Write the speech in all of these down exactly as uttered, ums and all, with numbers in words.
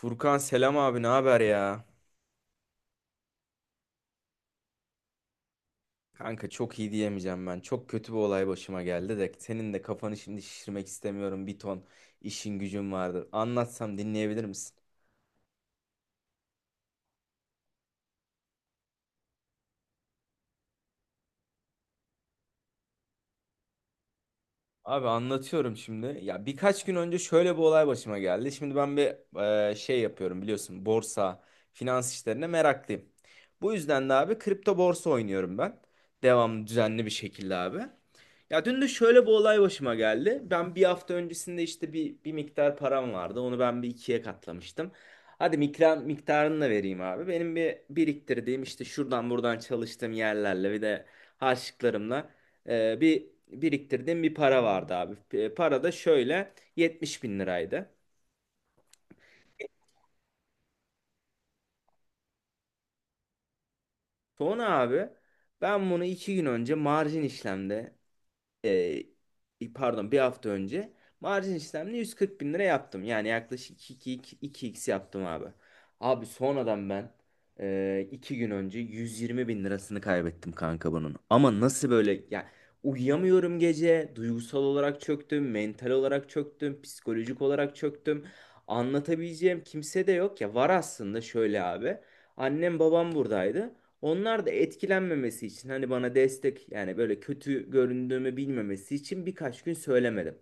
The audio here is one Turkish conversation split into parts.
Furkan selam abi ne haber ya? Kanka çok iyi diyemeyeceğim ben. Çok kötü bir olay başıma geldi de senin de kafanı şimdi şişirmek istemiyorum. Bir ton işin gücün vardı. Anlatsam dinleyebilir misin? Abi anlatıyorum şimdi. Ya birkaç gün önce şöyle bir olay başıma geldi. Şimdi ben bir e, şey yapıyorum biliyorsun. Borsa, finans işlerine meraklıyım. Bu yüzden de abi kripto borsa oynuyorum ben. Devamlı düzenli bir şekilde abi. Ya dün de şöyle bir olay başıma geldi. Ben bir hafta öncesinde işte bir, bir miktar param vardı. Onu ben bir ikiye katlamıştım. Hadi miktar, miktarını da vereyim abi. Benim bir biriktirdiğim işte şuradan buradan çalıştığım yerlerle bir de harçlıklarımla e, bir biriktirdiğim bir para vardı abi. E, Para da şöyle 70 bin liraydı. Sonra abi ben bunu iki gün önce marjin işlemde e, pardon bir hafta önce marjin işlemle 140 bin lira yaptım. Yani yaklaşık iki iki iki x yaptım abi. Abi sonradan ben e, iki gün önce 120 bin lirasını kaybettim kanka bunun. Ama nasıl böyle ya, uyuyamıyorum gece, duygusal olarak çöktüm, mental olarak çöktüm, psikolojik olarak çöktüm. Anlatabileceğim kimse de yok, ya var aslında şöyle abi. Annem babam buradaydı. Onlar da etkilenmemesi için, hani bana destek, yani böyle kötü göründüğümü bilmemesi için birkaç gün söylemedim.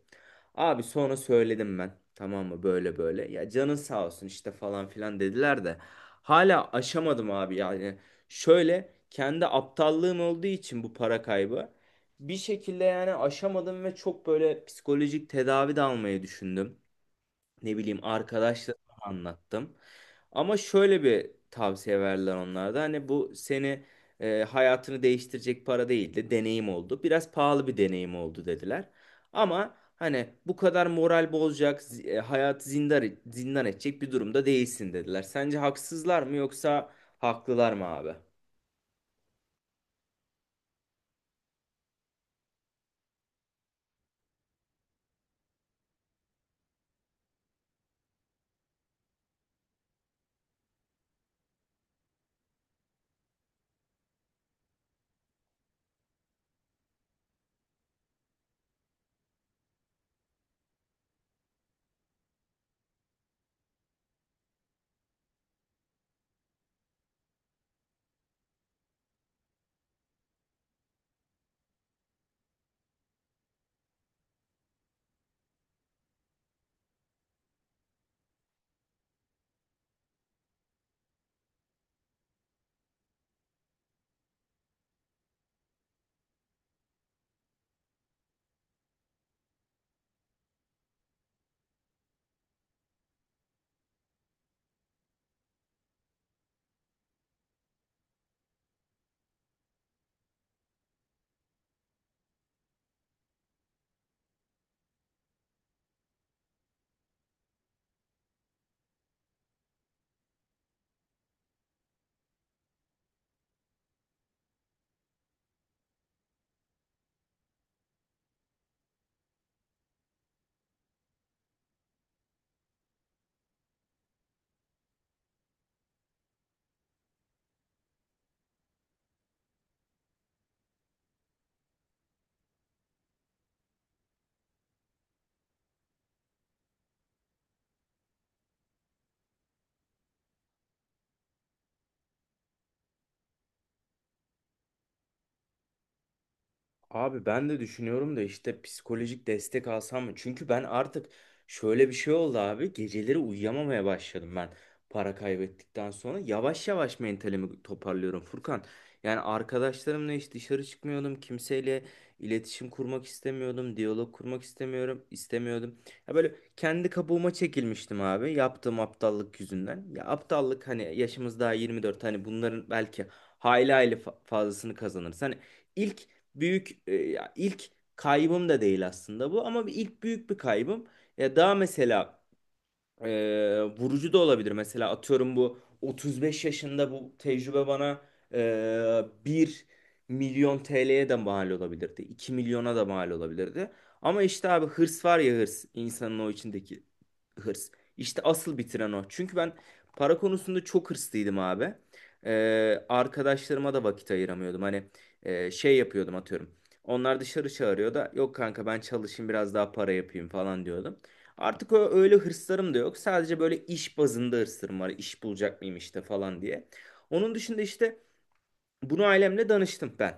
Abi sonra söyledim ben. Tamam mı, böyle böyle. Ya canın sağ olsun işte falan filan dediler de. Hala aşamadım abi yani. Şöyle kendi aptallığım olduğu için bu para kaybı. Bir şekilde yani aşamadım ve çok böyle psikolojik tedavi de almayı düşündüm. Ne bileyim arkadaşlarıma anlattım. Ama şöyle bir tavsiye verdiler onlarda. Hani bu seni e, hayatını değiştirecek para değil de deneyim oldu. Biraz pahalı bir deneyim oldu dediler. Ama hani bu kadar moral bozacak, zi- e, hayatı zindan, zindan edecek bir durumda değilsin dediler. Sence haksızlar mı yoksa haklılar mı abi? Abi ben de düşünüyorum da işte psikolojik destek alsam mı? Çünkü ben artık şöyle bir şey oldu abi. Geceleri uyuyamamaya başladım ben para kaybettikten sonra. Yavaş yavaş mentalimi toparlıyorum Furkan. Yani arkadaşlarımla hiç dışarı çıkmıyordum. Kimseyle iletişim kurmak istemiyordum. Diyalog kurmak istemiyorum, istemiyordum. Ya böyle kendi kabuğuma çekilmiştim abi, yaptığım aptallık yüzünden. Ya aptallık, hani yaşımız daha yirmi dört, hani bunların belki hayli hayli fa- fazlasını kazanırız. Hani ilk büyük e, ya ilk kaybım da değil aslında bu, ama bir ilk büyük bir kaybım. Ya daha mesela e, vurucu da olabilir. Mesela atıyorum bu otuz beş yaşında bu tecrübe bana e, bir milyon T L'ye de mal olabilirdi. iki milyona da mal olabilirdi. Ama işte abi hırs var ya, hırs. İnsanın o içindeki hırs. İşte asıl bitiren o. Çünkü ben para konusunda çok hırslıydım abi. E, arkadaşlarıma da vakit ayıramıyordum. Hani e, şey yapıyordum, atıyorum. Onlar dışarı çağırıyor da yok kanka ben çalışayım biraz daha para yapayım falan diyordum. Artık o öyle hırslarım da yok. Sadece böyle iş bazında hırslarım var. İş bulacak mıyım işte falan diye. Onun dışında işte bunu ailemle danıştım ben.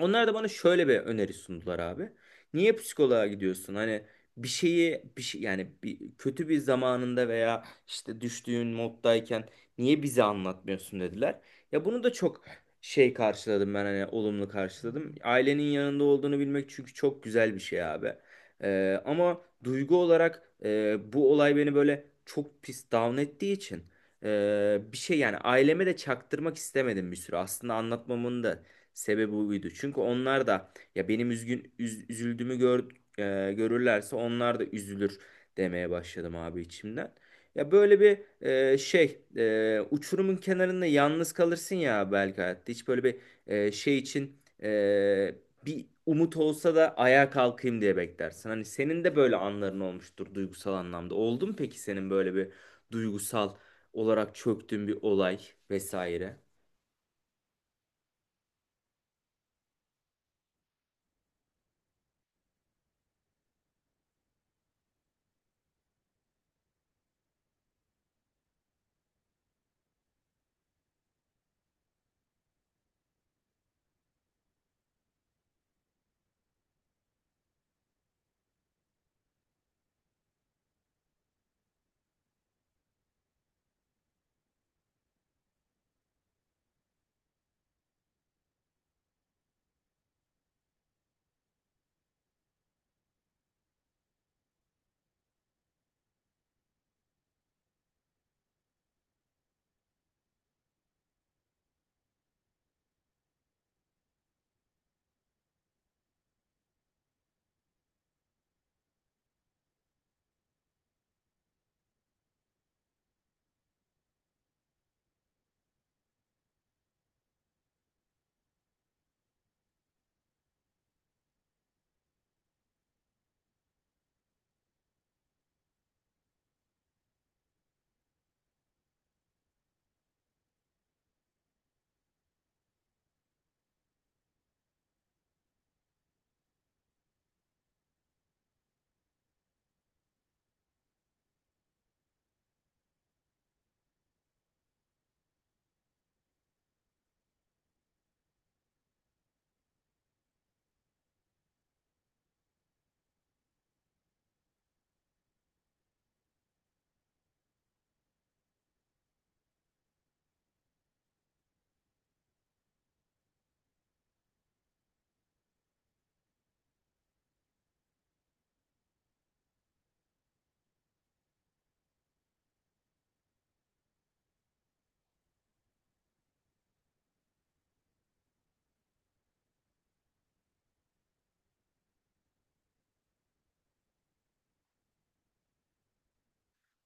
Onlar da bana şöyle bir öneri sundular abi. Niye psikoloğa gidiyorsun? Hani bir şeyi bir şey, yani bir kötü bir zamanında veya işte düştüğün moddayken niye bize anlatmıyorsun dediler. Ya bunu da çok şey karşıladım ben, hani olumlu karşıladım. Ailenin yanında olduğunu bilmek çünkü çok güzel bir şey abi. Ee, ama duygu olarak e, bu olay beni böyle çok pis down ettiği için e, bir şey yani aileme de çaktırmak istemedim bir süre. Aslında anlatmamın da sebebi buydu. Çünkü onlar da ya benim üzgün üz- üzüldüğümü gör, e, görürlerse onlar da üzülür demeye başladım abi içimden. Ya böyle bir e, şey e, uçurumun kenarında yalnız kalırsın ya belki hayatta. Hiç böyle bir e, şey için e, bir umut olsa da ayağa kalkayım diye beklersin. Hani senin de böyle anların olmuştur duygusal anlamda. Oldu mu peki senin böyle bir duygusal olarak çöktüğün bir olay vesaire?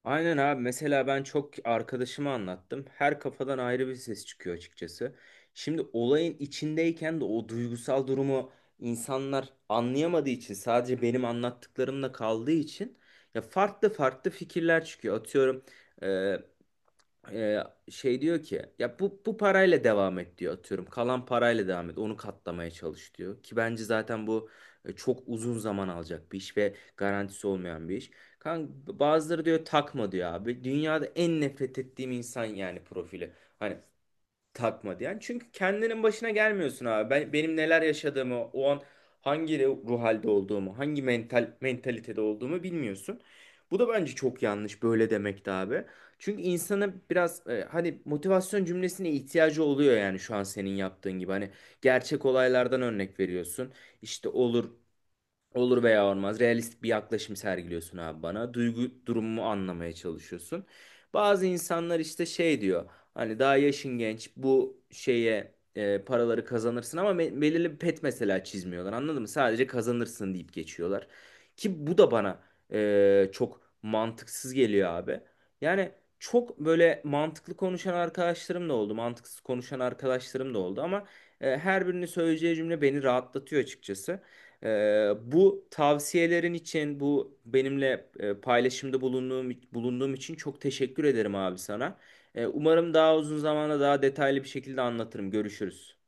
Aynen abi, mesela ben çok arkadaşıma anlattım. Her kafadan ayrı bir ses çıkıyor açıkçası. Şimdi olayın içindeyken de o duygusal durumu insanlar anlayamadığı için, sadece benim anlattıklarımla kaldığı için ya farklı farklı fikirler çıkıyor. Atıyorum ee, şey diyor ki, ya bu bu parayla devam et diyor, atıyorum. Kalan parayla devam et. Onu katlamaya çalış diyor. Ki bence zaten bu e, çok uzun zaman alacak bir iş ve garantisi olmayan bir iş. Kanka bazıları diyor takma diyor abi. Dünyada en nefret ettiğim insan yani profili. Hani takma diyen. Çünkü kendinin başına gelmiyorsun abi. Ben, benim neler yaşadığımı, o an hangi ruh halde olduğumu, hangi mental mentalitede olduğumu bilmiyorsun. Bu da bence çok yanlış böyle demek de abi. Çünkü insana biraz e, hani motivasyon cümlesine ihtiyacı oluyor, yani şu an senin yaptığın gibi. Hani gerçek olaylardan örnek veriyorsun. İşte olur olur veya olmaz. Realistik bir yaklaşım sergiliyorsun abi bana. Duygu durumumu anlamaya çalışıyorsun. Bazı insanlar işte şey diyor. Hani daha yaşın genç bu şeye e, paraları kazanırsın ama me- belirli bir pet mesela çizmiyorlar. Anladın mı? Sadece kazanırsın deyip geçiyorlar. Ki bu da bana e, çok mantıksız geliyor abi. Yani çok böyle mantıklı konuşan arkadaşlarım da oldu. Mantıksız konuşan arkadaşlarım da oldu ama e, her birinin söyleyeceği cümle beni rahatlatıyor açıkçası. Ee, bu tavsiyelerin için, bu benimle e, paylaşımda bulunduğum, bulunduğum için çok teşekkür ederim abi sana. Ee, umarım daha uzun zamanda daha detaylı bir şekilde anlatırım. Görüşürüz.